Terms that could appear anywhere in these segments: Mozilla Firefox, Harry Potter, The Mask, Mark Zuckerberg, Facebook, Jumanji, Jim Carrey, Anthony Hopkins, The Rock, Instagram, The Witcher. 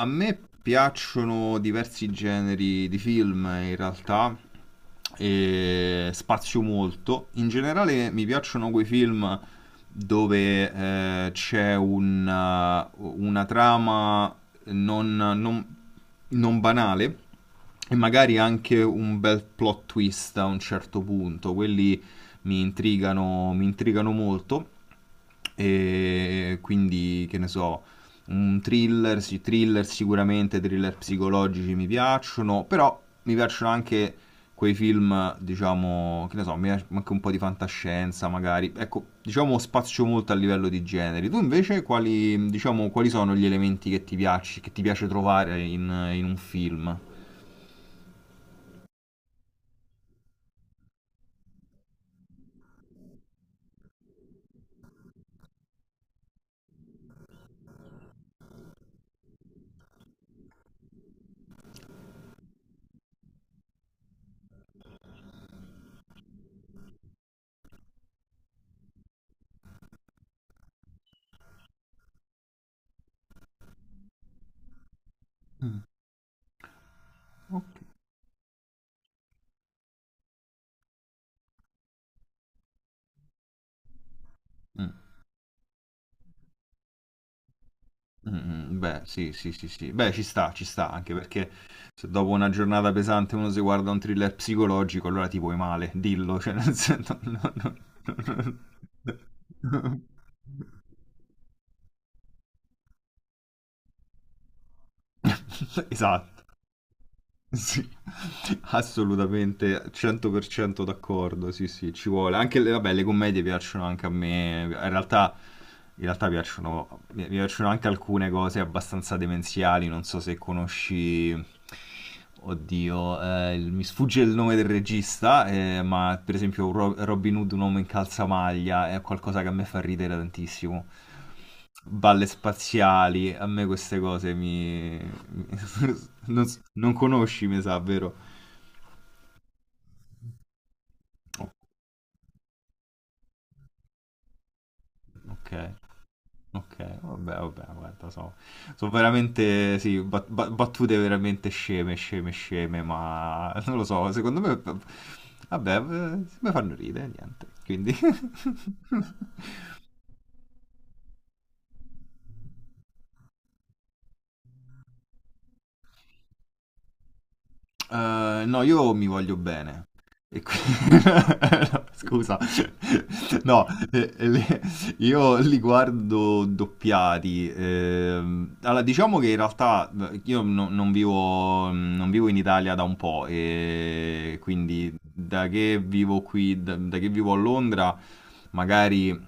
A me piacciono diversi generi di film, in realtà, e spazio molto. In generale mi piacciono quei film dove c'è un, una trama non, non- non banale e magari anche un bel plot twist a un certo punto. Quelli mi intrigano molto. E quindi, che ne so, un thriller, sì, thriller sicuramente, thriller psicologici mi piacciono, però mi piacciono anche quei film, diciamo, che ne so, mi piace anche un po' di fantascienza magari. Ecco, diciamo spazio molto a livello di generi. Tu invece quali, diciamo, quali sono gli elementi che ti piace trovare in un film? Ok. Mm. Mm, beh, sì, sì, sì, sì. Beh, ci sta, anche perché se dopo una giornata pesante uno si guarda un thriller psicologico, allora ti vuoi male, dillo, cioè nel senso... no, no, no, no, no. Esatto. Sì, assolutamente, 100% d'accordo, sì sì, ci vuole. Anche le, vabbè, le commedie piacciono anche a me, in realtà piacciono, mi piacciono anche alcune cose abbastanza demenziali, non so se conosci, oddio, il- mi sfugge il nome del regista, ma per esempio Robin Hood, un uomo in calzamaglia, è qualcosa che a me fa ridere tantissimo. Balle spaziali, a me queste cose mi... mi- Non, s- non conosci, mi sa, vero? Ok, ok, vabbè, vabbè, guarda, so, sono veramente, sì, battute veramente sceme, sceme, sceme, ma non lo so, secondo me, vabbè, mi fanno ridere, niente, quindi... no, io mi voglio bene. E qui... no, scusa, no, eh, eh, le- io li guardo doppiati. Allora, diciamo che in realtà io non vivo, non vivo in Italia da un po', e quindi da che vivo qui, da che vivo a Londra, magari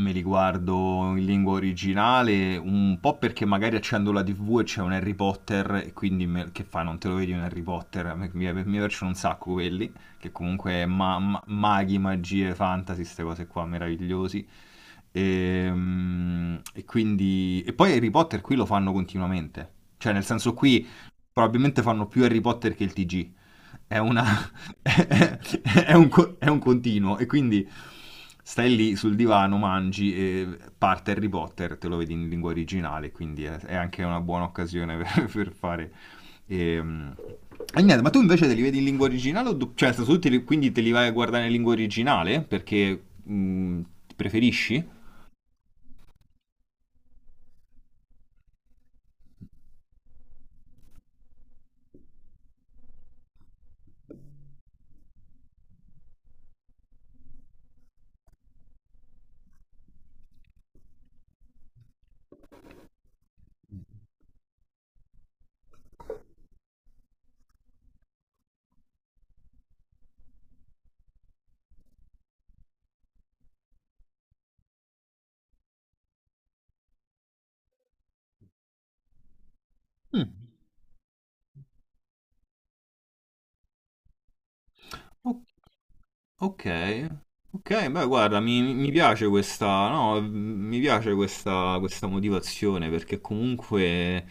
me li guardo in lingua originale, un po' perché magari accendo la TV e c'è un Harry Potter, e quindi me- che fa, non te lo vedi un Harry Potter? Mi, mi piacciono un sacco quelli, che comunque maghi, magie, fantasy, queste cose qua meravigliosi. E, quindi... E poi Harry Potter qui lo fanno continuamente, cioè nel senso qui probabilmente fanno più Harry Potter che il TG, è una... è un, è un continuo, e quindi stai lì sul divano, mangi e parte Harry Potter, te lo vedi in lingua originale, quindi è anche una buona occasione per fare... ehm. E niente, ma tu invece te li vedi in lingua originale o cioè, soprattutto quindi te li vai a guardare in lingua originale perché preferisci? Mm, ok. Ok, ok, beh, guarda, mi piace questa, no, mi piace questa, questa motivazione perché comunque,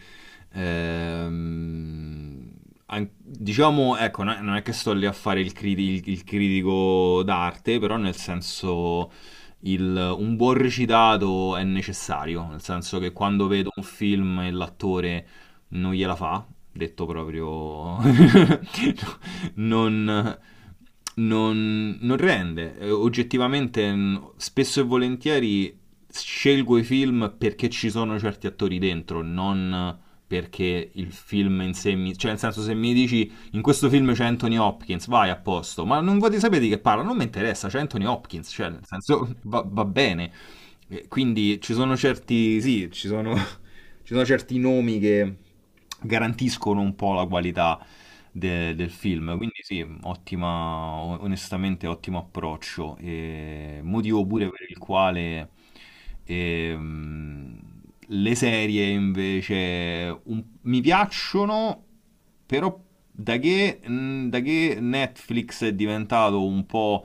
ehm, an- diciamo, ecco, non è che sto lì a fare il, il critico d'arte, però nel senso, il- un buon recitato è necessario, nel senso che quando vedo un film e l'attore non gliela fa, detto proprio, non, non rende. Oggettivamente, n- spesso e volentieri scelgo i film perché ci sono certi attori dentro, non perché il film in sé mi... Cioè, nel senso, se mi dici in questo film c'è Anthony Hopkins, vai a posto, ma non voglio sapere di che parla, non mi interessa, c'è Anthony Hopkins, cioè, nel senso, va, va bene. Quindi ci sono certi, sì, ci sono, ci sono certi nomi che garantiscono un po' la qualità del film. Quindi sì, ottima, onestamente ottimo approccio. E motivo pure per il quale e, mm, le serie invece un- mi piacciono, però da che, mm, da che Netflix è diventato un po'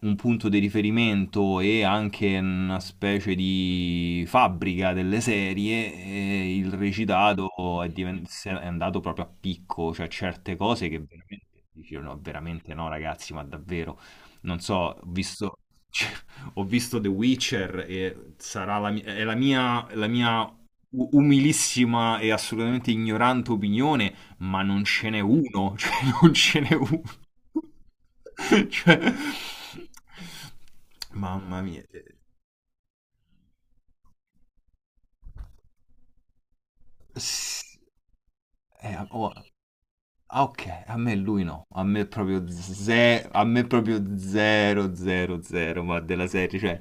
un punto di riferimento e anche una specie di fabbrica delle serie, il recitato è, è andato proprio a picco, cioè certe cose che veramente dicono, veramente no ragazzi, ma davvero. Non so, ho visto, ho visto The Witcher e sarà la, mi- è la mia umilissima e assolutamente ignorante opinione, ma non ce n'è uno, cioè non ce n'è uno. Cioè, mamma mia. S- eh, oh, Ah, ok, a me lui no, a me proprio zero, a me proprio zero, zero, zero, ma della serie, cioè,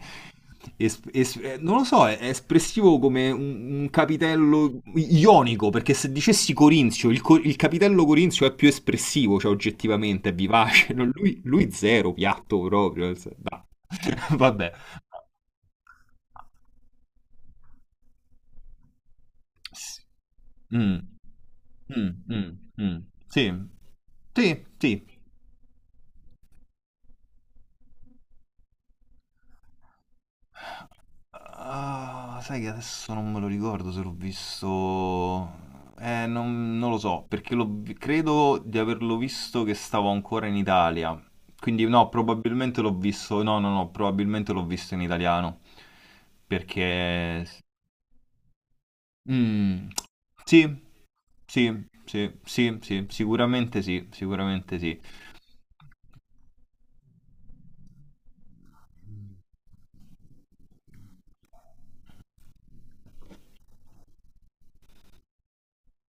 non lo so, è espressivo come un capitello ionico, perché se dicessi corinzio, il, il capitello corinzio è più espressivo, cioè oggettivamente, è vivace, no, lui zero, piatto proprio, nel sen- no. Vabbè. Sì. Mm. Mm, mm, mm. Sì, sì, sì, ah, sai che adesso non me lo ricordo se l'ho visto. Non, non lo so, perché l'ho vi- credo di averlo visto che stavo ancora in Italia. Quindi no, probabilmente l'ho visto. No, no, no, probabilmente l'ho visto in italiano. Perché. Mm, sì, sì, sì, sì, sì, sicuramente sì, sicuramente sì.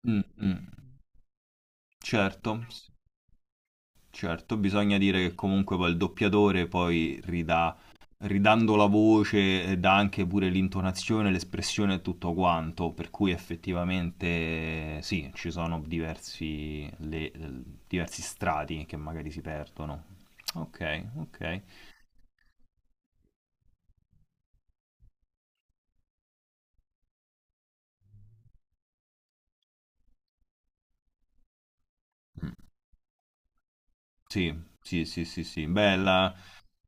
Mm, mm, certo. Certo, bisogna dire che comunque poi il doppiatore poi ridà, ridando la voce, dà anche pure l'intonazione, l'espressione e tutto quanto, per cui effettivamente sì, ci sono diversi, diversi strati che magari si perdono. Ok, ok. Sì, sì, sì, sì, sì. Bella.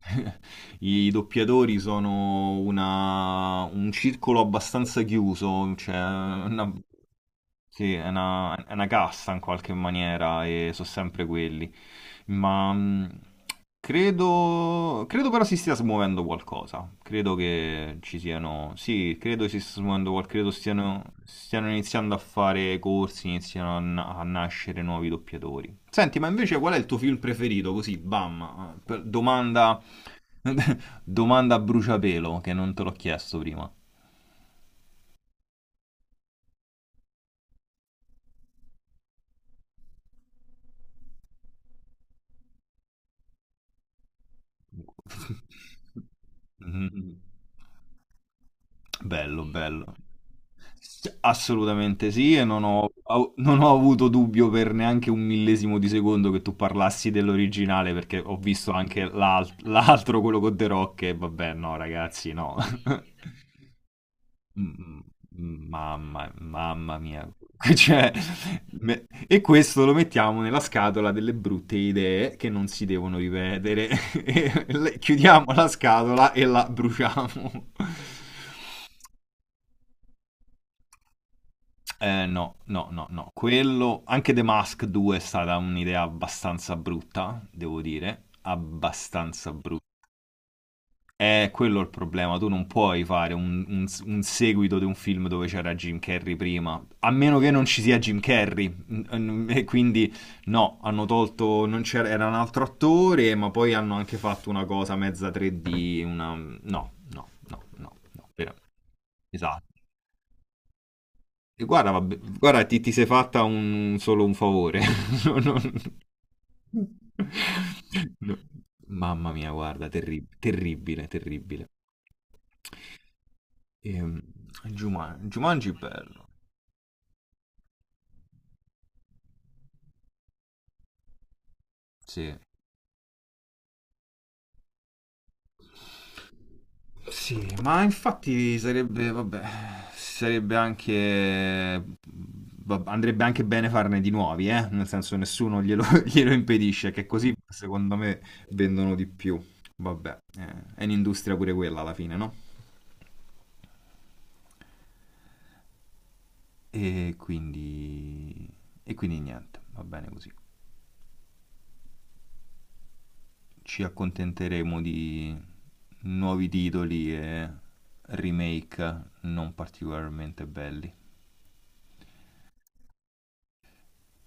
I doppiatori sono una- un circolo abbastanza chiuso, cioè una, sì, è una casta in qualche maniera e sono sempre quelli. Ma credo, credo però si stia smuovendo qualcosa. Credo che ci siano. Sì, credo si stia smuovendo qualcosa. Credo stiano, stiano iniziando a fare corsi, iniziano a, na- a nascere nuovi doppiatori. Senti, ma invece qual è il tuo film preferito? Così, bam, domanda, domanda a bruciapelo che non te l'ho chiesto prima. Bello, bello. S- assolutamente sì, e non ho, au- non ho avuto dubbio per neanche un millesimo di secondo che tu parlassi dell'originale, perché ho visto anche l'altro, quello con The Rock, e vabbè, no, ragazzi, no. Mm, mm, mamma, mamma mia. Cioè, me- e questo lo mettiamo nella scatola delle brutte idee che non si devono ripetere. E chiudiamo la scatola e la bruciamo. No, no, no, no. Quello, anche The Mask 2 è stata un'idea abbastanza brutta, devo dire, abbastanza brutta. È quello il problema, tu non puoi fare un, un seguito di un film dove c'era Jim Carrey prima, a meno che non ci sia Jim Carrey. Mm, e quindi no, hanno tolto, non c'era, era un altro attore, ma poi hanno anche fatto una cosa mezza 3D, una... No, no, no, no, no. Vero. Esatto. E guarda, vabbè, guarda, ti sei fatta un, solo un favore. No, no, no. No. Mamma mia, guarda, terri- terribile, terribile. Ehm, Juman- Jumanji è bello. Sì. Sì, ma infatti sarebbe, vabbè, sarebbe anche, vab- andrebbe anche bene farne di nuovi, eh? Nel senso nessuno glielo, glielo impedisce, che così secondo me vendono di più. Vabbè, è un'industria pure quella alla fine, no? E quindi, e quindi niente, va bene così. Ci accontenteremo di nuovi titoli e remake non particolarmente belli.